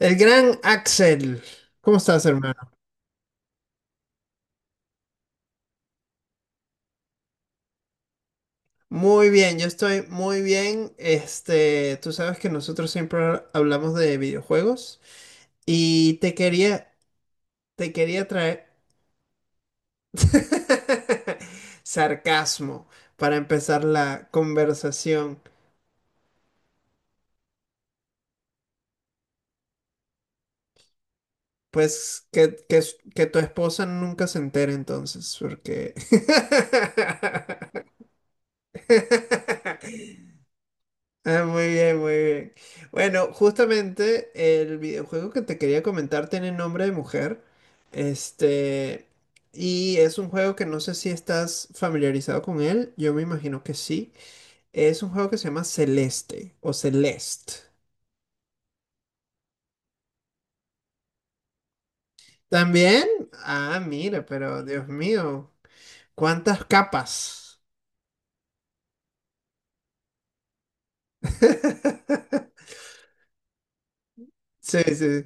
El gran Axel, ¿cómo estás, hermano? Muy bien, yo estoy muy bien. Este, tú sabes que nosotros siempre hablamos de videojuegos y te quería traer sarcasmo para empezar la conversación. Pues que tu esposa nunca se entere entonces, porque... Ah, muy bien, muy bien. Bueno, justamente el videojuego que te quería comentar tiene nombre de mujer. Este, y es un juego que no sé si estás familiarizado con él. Yo me imagino que sí. Es un juego que se llama Celeste o Celeste. ¿También? Ah, mira, pero Dios mío, cuántas capas. Sí, sí.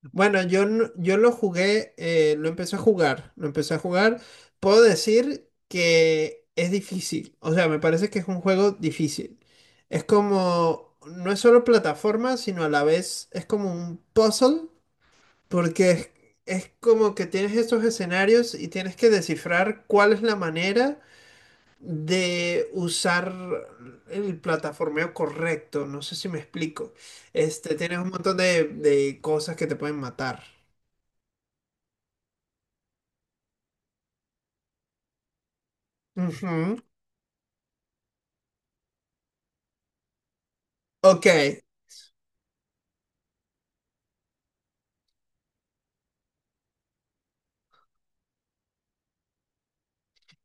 Bueno, yo, yo lo jugué, lo empecé a jugar, lo empecé a jugar. Puedo decir que es difícil, o sea, me parece que es un juego difícil. Es como, no es solo plataforma, sino a la vez es como un puzzle, porque es como que tienes estos escenarios y tienes que descifrar cuál es la manera de usar el plataformeo correcto. No sé si me explico. Este, tienes un montón de cosas que te pueden matar. Ujú. Ok,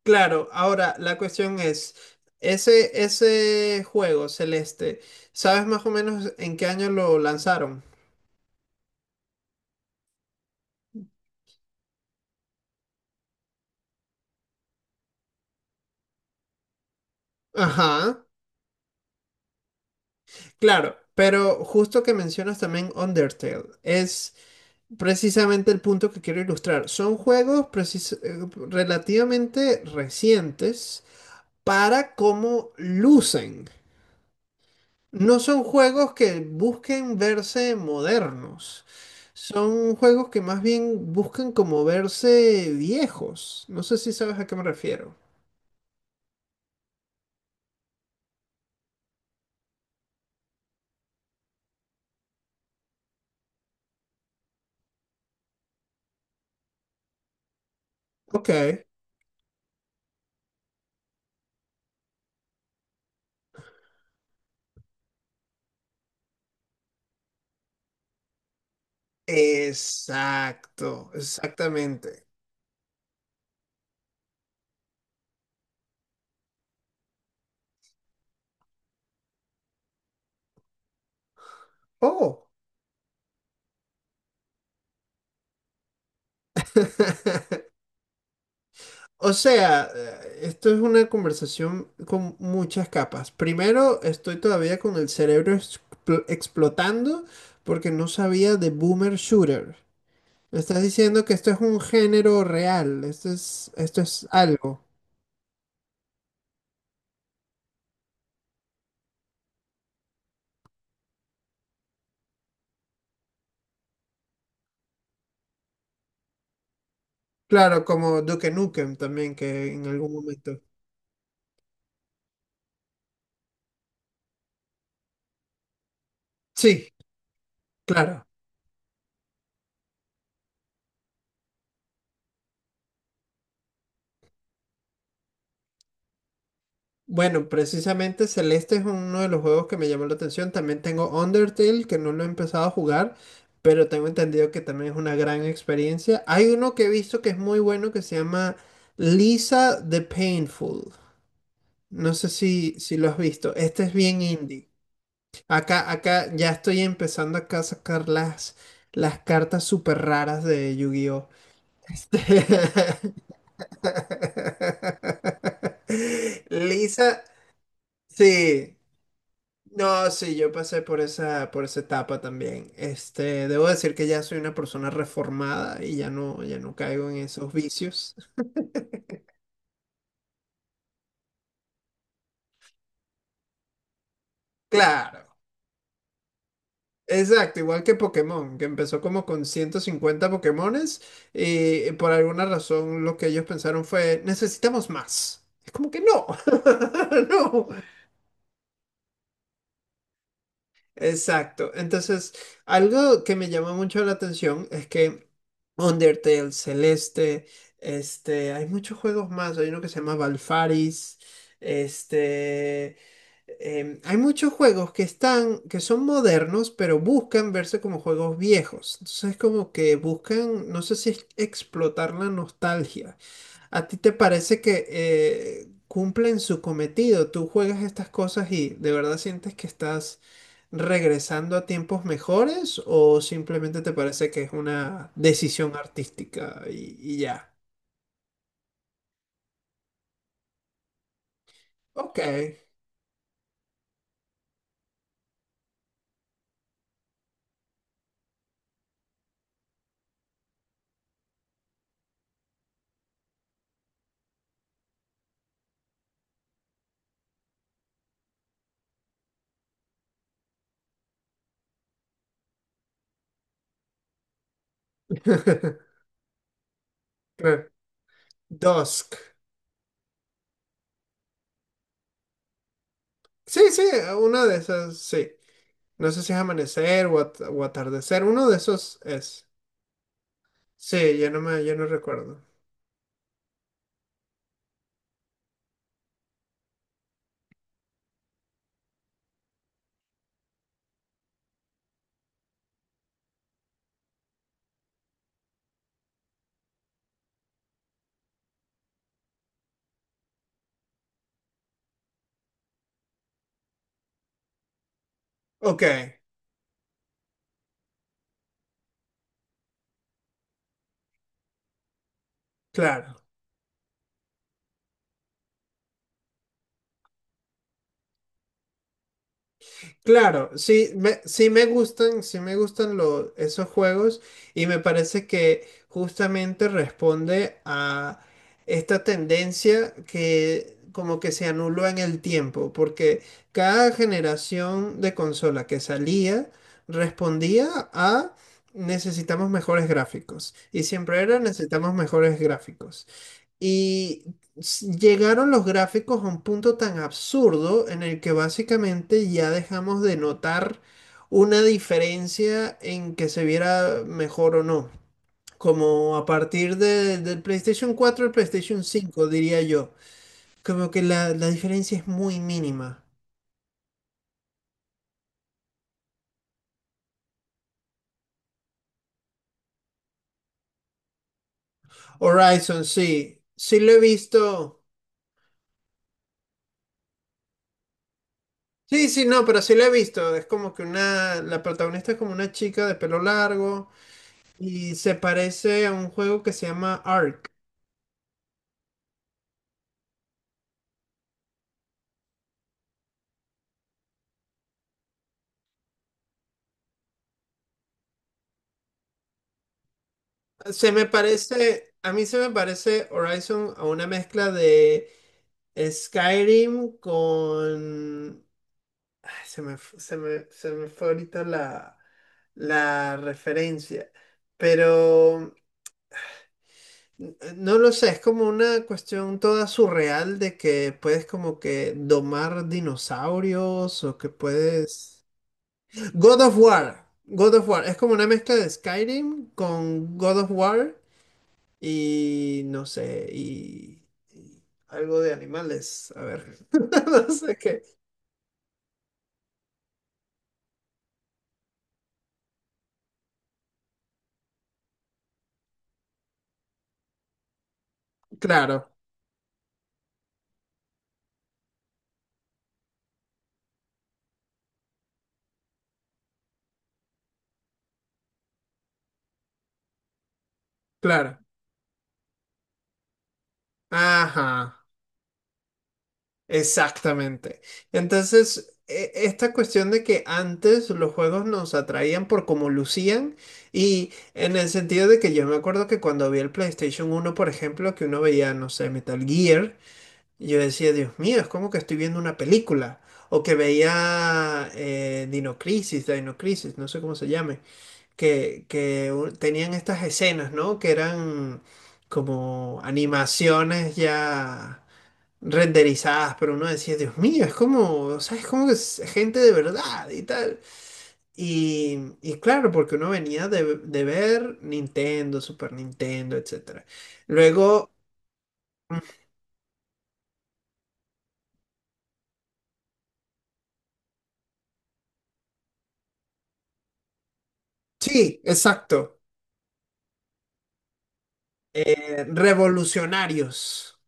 claro. Ahora, la cuestión es, ese juego celeste, ¿sabes más o menos en qué año lo lanzaron? Ajá, claro, pero justo que mencionas también Undertale, es precisamente el punto que quiero ilustrar. Son juegos precis- relativamente recientes para cómo lucen. No son juegos que busquen verse modernos. Son juegos que más bien buscan como verse viejos. No sé si sabes a qué me refiero. Ok. Exacto, exactamente. Oh. O sea, esto es una conversación con muchas capas. Primero, estoy todavía con el cerebro explotando porque no sabía de Boomer Shooter. Me estás diciendo que esto es un género real, esto es algo. Claro, como Duke Nukem también, que en algún momento. Sí, claro. Bueno, precisamente Celeste es uno de los juegos que me llamó la atención. También tengo Undertale, que no lo he empezado a jugar, pero tengo entendido que también es una gran experiencia. Hay uno que he visto que es muy bueno que se llama Lisa the Painful. No sé si, si lo has visto. Este es bien indie. Acá, acá ya estoy empezando acá a sacar las cartas súper raras de Yu-Gi-Oh! Lisa, sí. No, sí, yo pasé por esa etapa también. Este, debo decir que ya soy una persona reformada y ya no, ya no caigo en esos vicios. Claro, exacto, igual que Pokémon, que empezó como con 150 Pokémones y por alguna razón lo que ellos pensaron fue, necesitamos más. Es como que no, no. Exacto. Entonces, algo que me llama mucho la atención es que Undertale, Celeste, este, hay muchos juegos más. Hay uno que se llama Valfaris, este, em, hay muchos juegos que están, que son modernos, pero buscan verse como juegos viejos. Entonces es como que buscan, no sé si es explotar la nostalgia. ¿A ti te parece que cumplen su cometido? ¿Tú juegas estas cosas y de verdad sientes que estás regresando a tiempos mejores o simplemente te parece que es una decisión artística y ya? Ok. Claro. Dusk. Sí, sí, una de esas, sí. No sé si es amanecer o, o atardecer. Uno de esos es. Sí, ya no me, ya no recuerdo. Ok, claro. Claro, sí me gustan esos juegos y me parece que justamente responde a esta tendencia que como que se anuló en el tiempo, porque cada generación de consola que salía respondía a necesitamos mejores gráficos y siempre era necesitamos mejores gráficos. Y llegaron los gráficos a un punto tan absurdo en el que básicamente ya dejamos de notar una diferencia en que se viera mejor o no. Como a partir del PlayStation 4 al PlayStation 5 diría yo. Como que la diferencia es muy mínima. Horizon, sí. Sí lo he visto. Sí, sí, no, pero sí lo he visto. Es como que una... La protagonista es como una chica de pelo largo. Y se parece a un juego que se llama Ark. Se me parece, a mí se me parece Horizon a una mezcla de Skyrim con... Ay, se me, f- se me fue ahorita la, la referencia. Pero no lo sé, es como una cuestión toda surreal de que puedes como que domar dinosaurios o que puedes... God of War. God of War. Es como una mezcla de Skyrim con God of War y no sé, y algo de animales. A ver, no sé qué. Claro, claro. Ajá, exactamente. Entonces, esta cuestión de que antes los juegos nos atraían por cómo lucían y en el sentido de que yo me acuerdo que cuando vi el PlayStation 1 por ejemplo, que uno veía, no sé, Metal Gear. Y yo decía, Dios mío, es como que estoy viendo una película. O que veía Dino Crisis, Dino Crisis, no sé cómo se llame, que, tenían estas escenas, ¿no? Que eran como animaciones ya renderizadas, pero uno decía, Dios mío, es como, o sea, es como que es gente de verdad y tal. Y claro, porque uno venía de ver Nintendo, Super Nintendo, etcétera. Luego... mm, sí, exacto. Revolucionarios.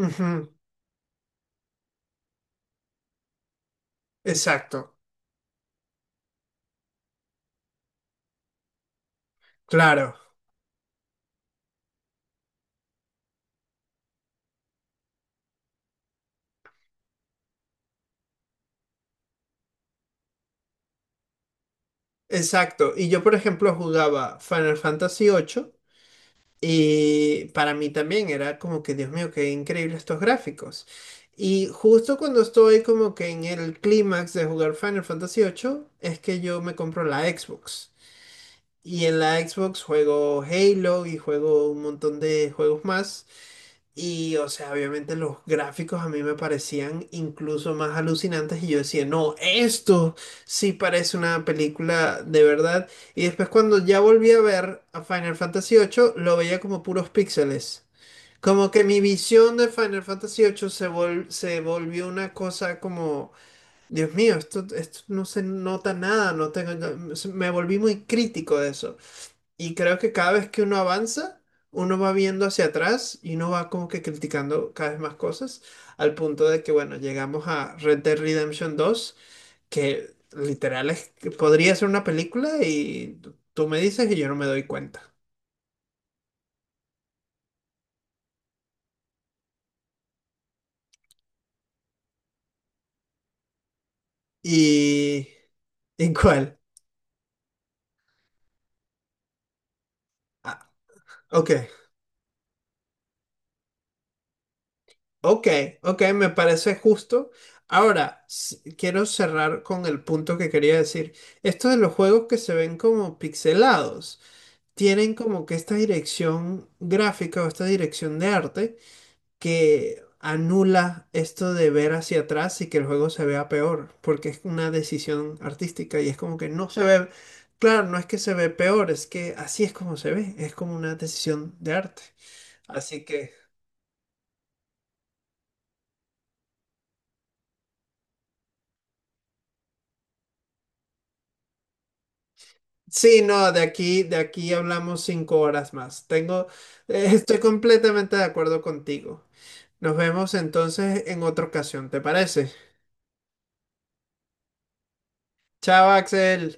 Ujú, exacto, claro, exacto. Y yo, por ejemplo, jugaba Final Fantasy 8 y para mí también era como que, Dios mío, qué increíble estos gráficos. Y justo cuando estoy como que en el clímax de jugar Final Fantasy 8 es que yo me compro la Xbox. Y en la Xbox juego Halo y juego un montón de juegos más. Y, o sea, obviamente los gráficos a mí me parecían incluso más alucinantes y yo decía, no, esto sí parece una película de verdad. Y después cuando ya volví a ver a Final Fantasy 8 lo veía como puros píxeles. Como que mi visión de Final Fantasy 8 se volvió una cosa como, Dios mío, esto no se nota nada, no tengo, me volví muy crítico de eso. Y creo que cada vez que uno avanza, uno va viendo hacia atrás y uno va como que criticando cada vez más cosas, al punto de que, bueno, llegamos a Red Dead Redemption 2 que literal es que podría ser una película y tú me dices y yo no me doy cuenta. ¿Y, ¿Y cuál? Ah, ok, ok, ok, me parece justo. Ahora, quiero cerrar con el punto que quería decir. Esto de los juegos que se ven como pixelados, tienen como que esta dirección gráfica o esta dirección de arte que anula esto de ver hacia atrás y que el juego se vea peor, porque es una decisión artística y es como que no se ve, claro, no es que se ve peor, es que así es como se ve, es como una decisión de arte. Así que... Sí, no, de aquí hablamos 5 horas más. Tengo, estoy completamente de acuerdo contigo. Nos vemos entonces en otra ocasión, ¿te parece? Chao, Axel.